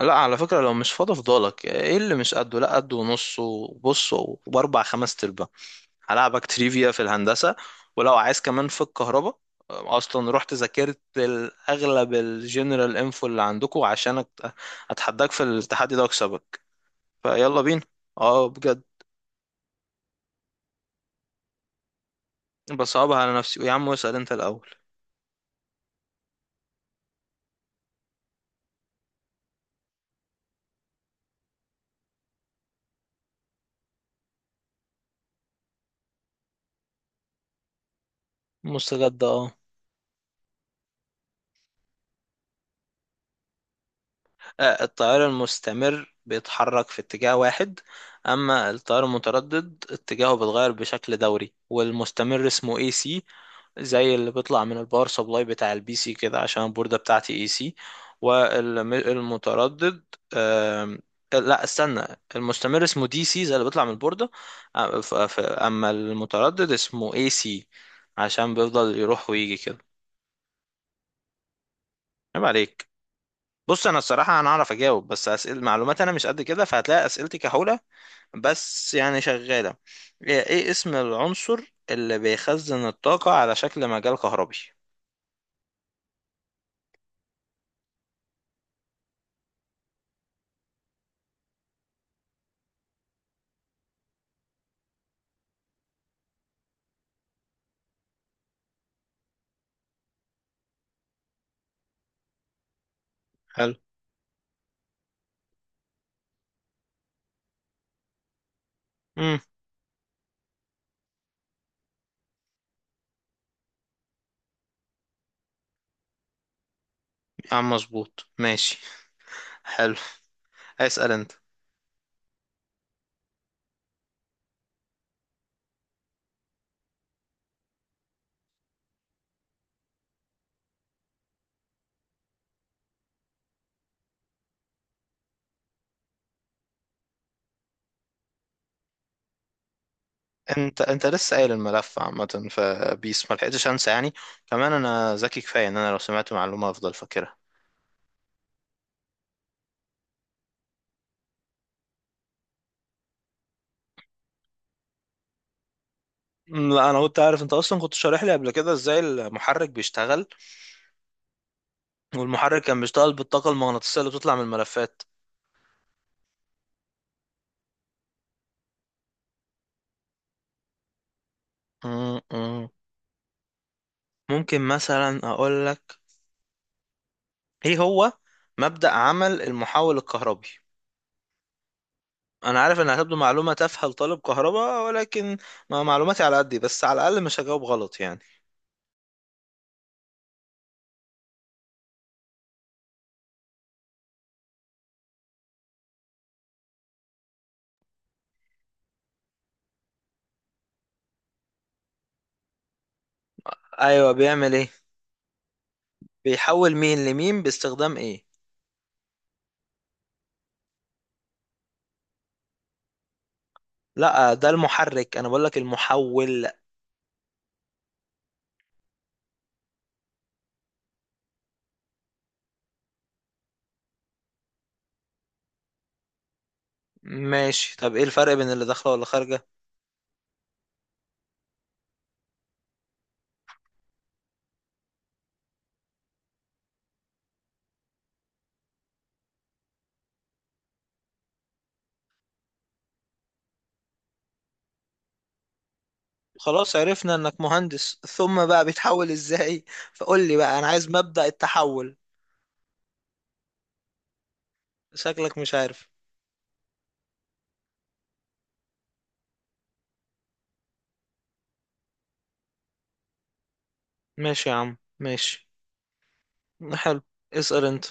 لا، على فكرة، لو مش فاضي فضالك ايه؟ اللي مش قده لا قده ونص وبص وباربع خمس تربة. هلعبك تريفيا في الهندسة. ولو عايز كمان في الكهرباء. اصلا رحت ذاكرت اغلب الجنرال انفو اللي عندكم عشان اتحداك في التحدي ده واكسبك. فيلا بينا. اه، بجد. بصعبها على نفسي يا عم، اسأل انت الاول. مستجد، اه. التيار المستمر بيتحرك في اتجاه واحد. أما التيار المتردد اتجاهه بيتغير بشكل دوري، والمستمر اسمه اي سي، زي اللي بيطلع من الباور سبلاي بتاع البي سي كده، عشان البوردة بتاعتي اي سي. والمتردد... آم، لا، استنى. المستمر اسمه دي سي، زي اللي بيطلع من البوردة. أما المتردد اسمه اي سي، عشان بيفضل يروح ويجي كده. عيب عليك. بص، انا الصراحه انا اعرف اجاوب، بس اسئله معلومات انا مش قد كده، فهتلاقي اسئلتي كحوله، بس يعني شغاله. إيه اسم العنصر اللي بيخزن الطاقه على شكل مجال كهربي؟ حلو. امم. يا عم مظبوط، ماشي. حلو، اسال انت. انت لسه قايل الملف عامه، فبيس ما لحقتش انسى يعني. كمان انا ذكي كفايه ان انا لو سمعت معلومه افضل فاكرها. لا، انا كنت عارف. انت اصلا كنت شارح لي قبل كده ازاي المحرك بيشتغل، والمحرك كان بيشتغل بالطاقه المغناطيسيه اللي بتطلع من الملفات. مم، مم. ممكن مثلا اقول لك، ايه هو مبدأ عمل المحول الكهربي؟ انا عارف انها هتبدو معلومة تافهة لطالب كهرباء، ولكن ما معلوماتي على قدي، بس على الاقل مش هجاوب غلط يعني. ايوه، بيعمل ايه. بيحول مين لمين باستخدام ايه؟ لا، ده المحرك، انا بقول لك المحول. ماشي. طب ايه الفرق بين اللي داخله ولا خارجه؟ خلاص، عرفنا انك مهندس. ثم بقى بيتحول ازاي؟ فقول لي بقى، انا عايز مبدأ التحول. شكلك مش عارف. ماشي يا عم، ماشي. حلو، اسأل انت.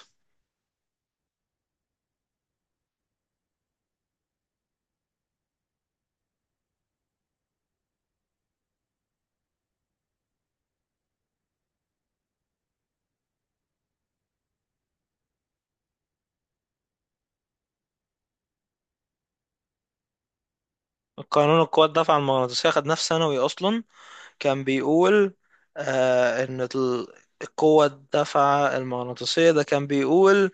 قانون القوة الدافعة المغناطيسية، خد نفس ثانوي أصلا. كان بيقول إن القوة الدافعة المغناطيسية، ده كان بيقول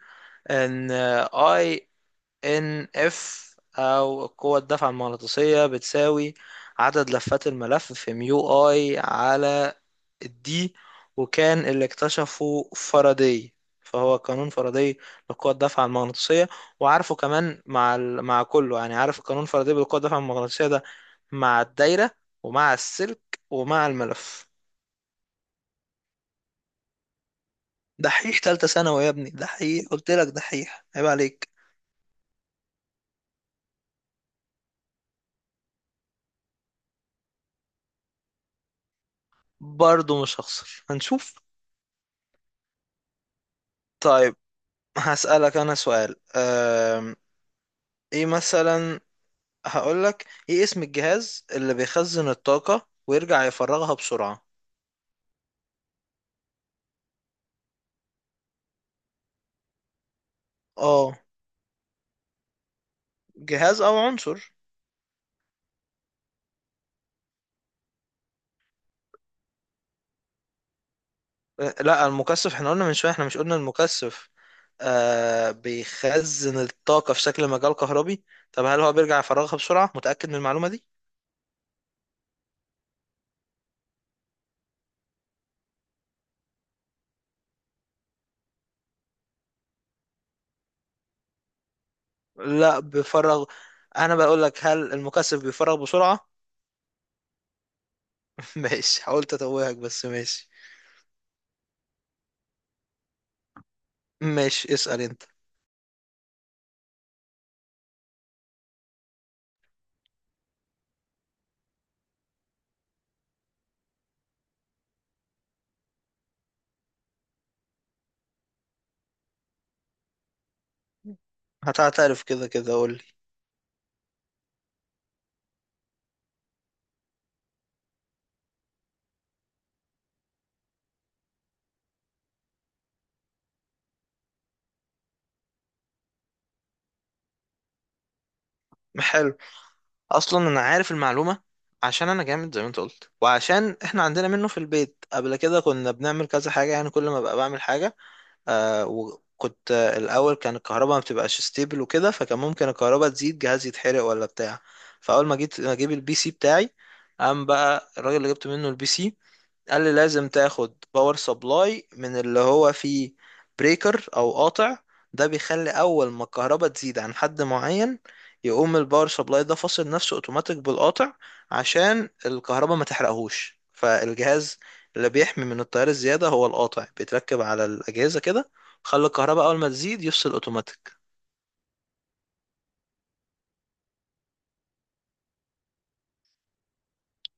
إن، أي، إن إف، أو القوة الدافعة المغناطيسية، بتساوي عدد لفات الملف في ميو أي على الدي، وكان اللي اكتشفه فاراداي، فهو قانون فاراداي لقوة الدفعة المغناطيسية. وعارفه كمان مع كله يعني. عارف قانون فاراداي بالقوة الدفعة المغناطيسية ده مع الدايرة ومع السلك ومع الملف. دحيح تالتة ثانوي يا ابني، دحيح. قلت لك دحيح، عيب عليك. برضه مش هخسر، هنشوف. طيب هسألك أنا سؤال. ايه مثلا. هقولك ايه اسم الجهاز اللي بيخزن الطاقة ويرجع يفرغها بسرعة؟ اه. جهاز او عنصر. لا، المكثف احنا قلنا من شويه. احنا مش قلنا المكثف، آه، بيخزن الطاقه في شكل مجال كهربي. طب هل هو بيرجع يفرغها بسرعه؟ متاكد من المعلومه دي؟ لا، بيفرغ. انا بقول لك، هل المكثف بيفرغ بسرعه؟ ماشي، حاولت اتوهك، بس ماشي. ماشي، اسال انت. هتعترف كده كده، قول لي. حلو. اصلا انا عارف المعلومه عشان انا جامد زي ما انت قلت، وعشان احنا عندنا منه في البيت. قبل كده كنا بنعمل كذا حاجه، يعني كل ما بقى بعمل حاجه. آه وكنت، الأول كان الكهرباء ما بتبقاش ستيبل وكده، فكان ممكن الكهرباء تزيد، جهاز يتحرق ولا بتاع. فأول ما جيت ما أجيب البي سي بتاعي، قام بقى الراجل اللي جبت منه البي سي قال لي لازم تاخد باور سبلاي من اللي هو فيه بريكر او قاطع. ده بيخلي اول ما الكهرباء تزيد عن حد معين، يقوم الباور سبلاي ده فاصل نفسه اوتوماتيك بالقاطع، عشان الكهرباء ما تحرقهوش فالجهاز. اللي بيحمي من التيار الزيادة هو القاطع، بيتركب على الأجهزة كده، خلي الكهرباء أول ما تزيد يفصل أوتوماتيك.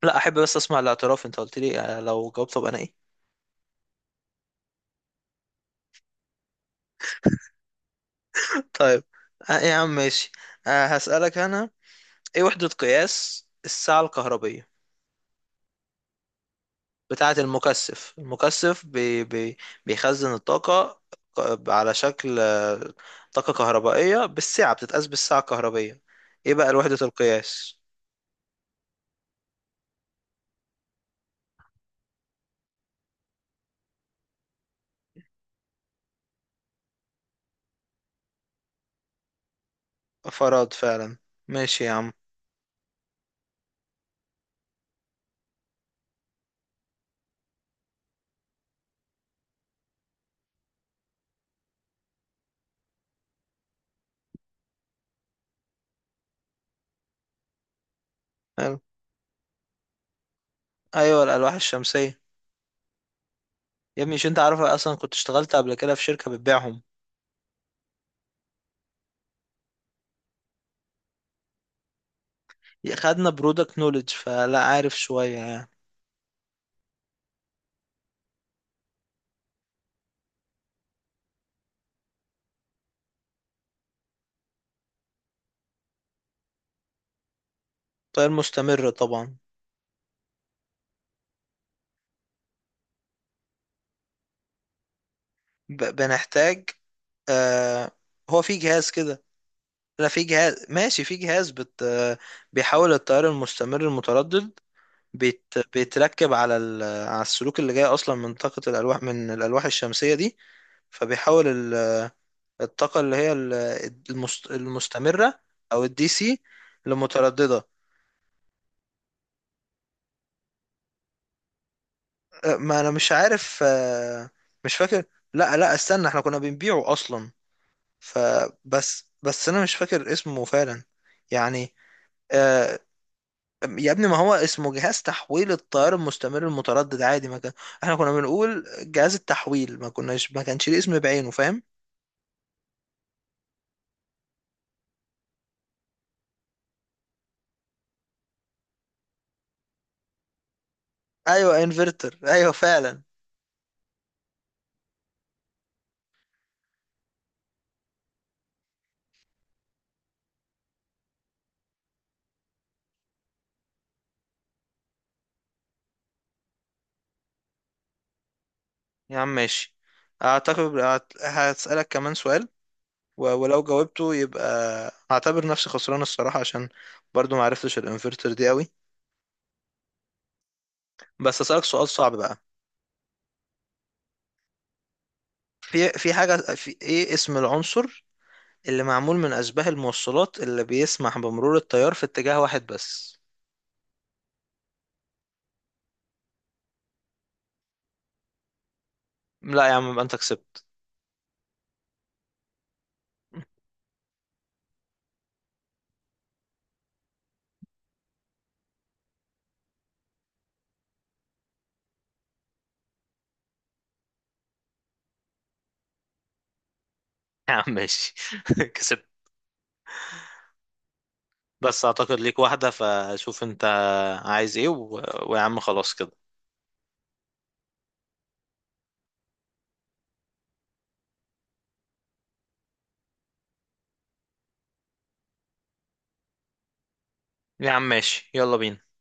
لا، أحب بس أسمع الاعتراف. أنت قلت لي لو جاوبت أبقى أنا إيه. طيب. يا عم ماشي. هسألك أنا، ايه وحدة قياس الساعة الكهربية بتاعة المكثف؟ المكثف بي بي بيخزن الطاقة على شكل طاقة كهربائية، بالساعة، بتتقاس بالساعة الكهربية. ايه بقى وحدة القياس؟ فراد فعلا. ماشي يا عم. حلو. ايوه، الألواح الشمسية. يا ابني، مش انت عارف أنا اصلا كنت اشتغلت قبل كده في شركة بتبيعهم؟ خدنا برودكت نولج، فلا عارف شوية يعني. تغير مستمر طبعا. بنحتاج آه هو في جهاز كده. لا، في جهاز، ماشي، في جهاز بيحول التيار المستمر المتردد. بيتركب على ال... على السلوك اللي جاي اصلا من طاقة الالواح، من الالواح الشمسية دي. فبيحول الطاقة اللي هي المستمرة او الدي سي لمترددة. ما انا مش عارف. مش فاكر. لا، لا، استنى، احنا كنا بنبيعه اصلا، فبس انا مش فاكر اسمه فعلا يعني. أه، يا ابني، ما هو اسمه جهاز تحويل التيار المستمر المتردد، عادي. ما كان احنا كنا بنقول جهاز التحويل، ما كانش ليه اسم بعينه، فاهم؟ ايوه، انفرتر، ايوه فعلا. يا عم ماشي. اعتقد هسألك كمان سؤال، ولو جاوبته يبقى هعتبر نفسي خسران الصراحة، عشان برضو ما عرفتش الانفرتر دي قوي. بس هسألك سؤال صعب بقى. في ايه اسم العنصر اللي معمول من اشباه الموصلات اللي بيسمح بمرور التيار في اتجاه واحد بس؟ لا يا عم، يبقى انت كسبت. يا عم ماشي كسبت. بس اعتقد ليك واحدة، فشوف انت عايز ايه. ويا عم خلاص كده. يا عم ماشي، يلا بينا.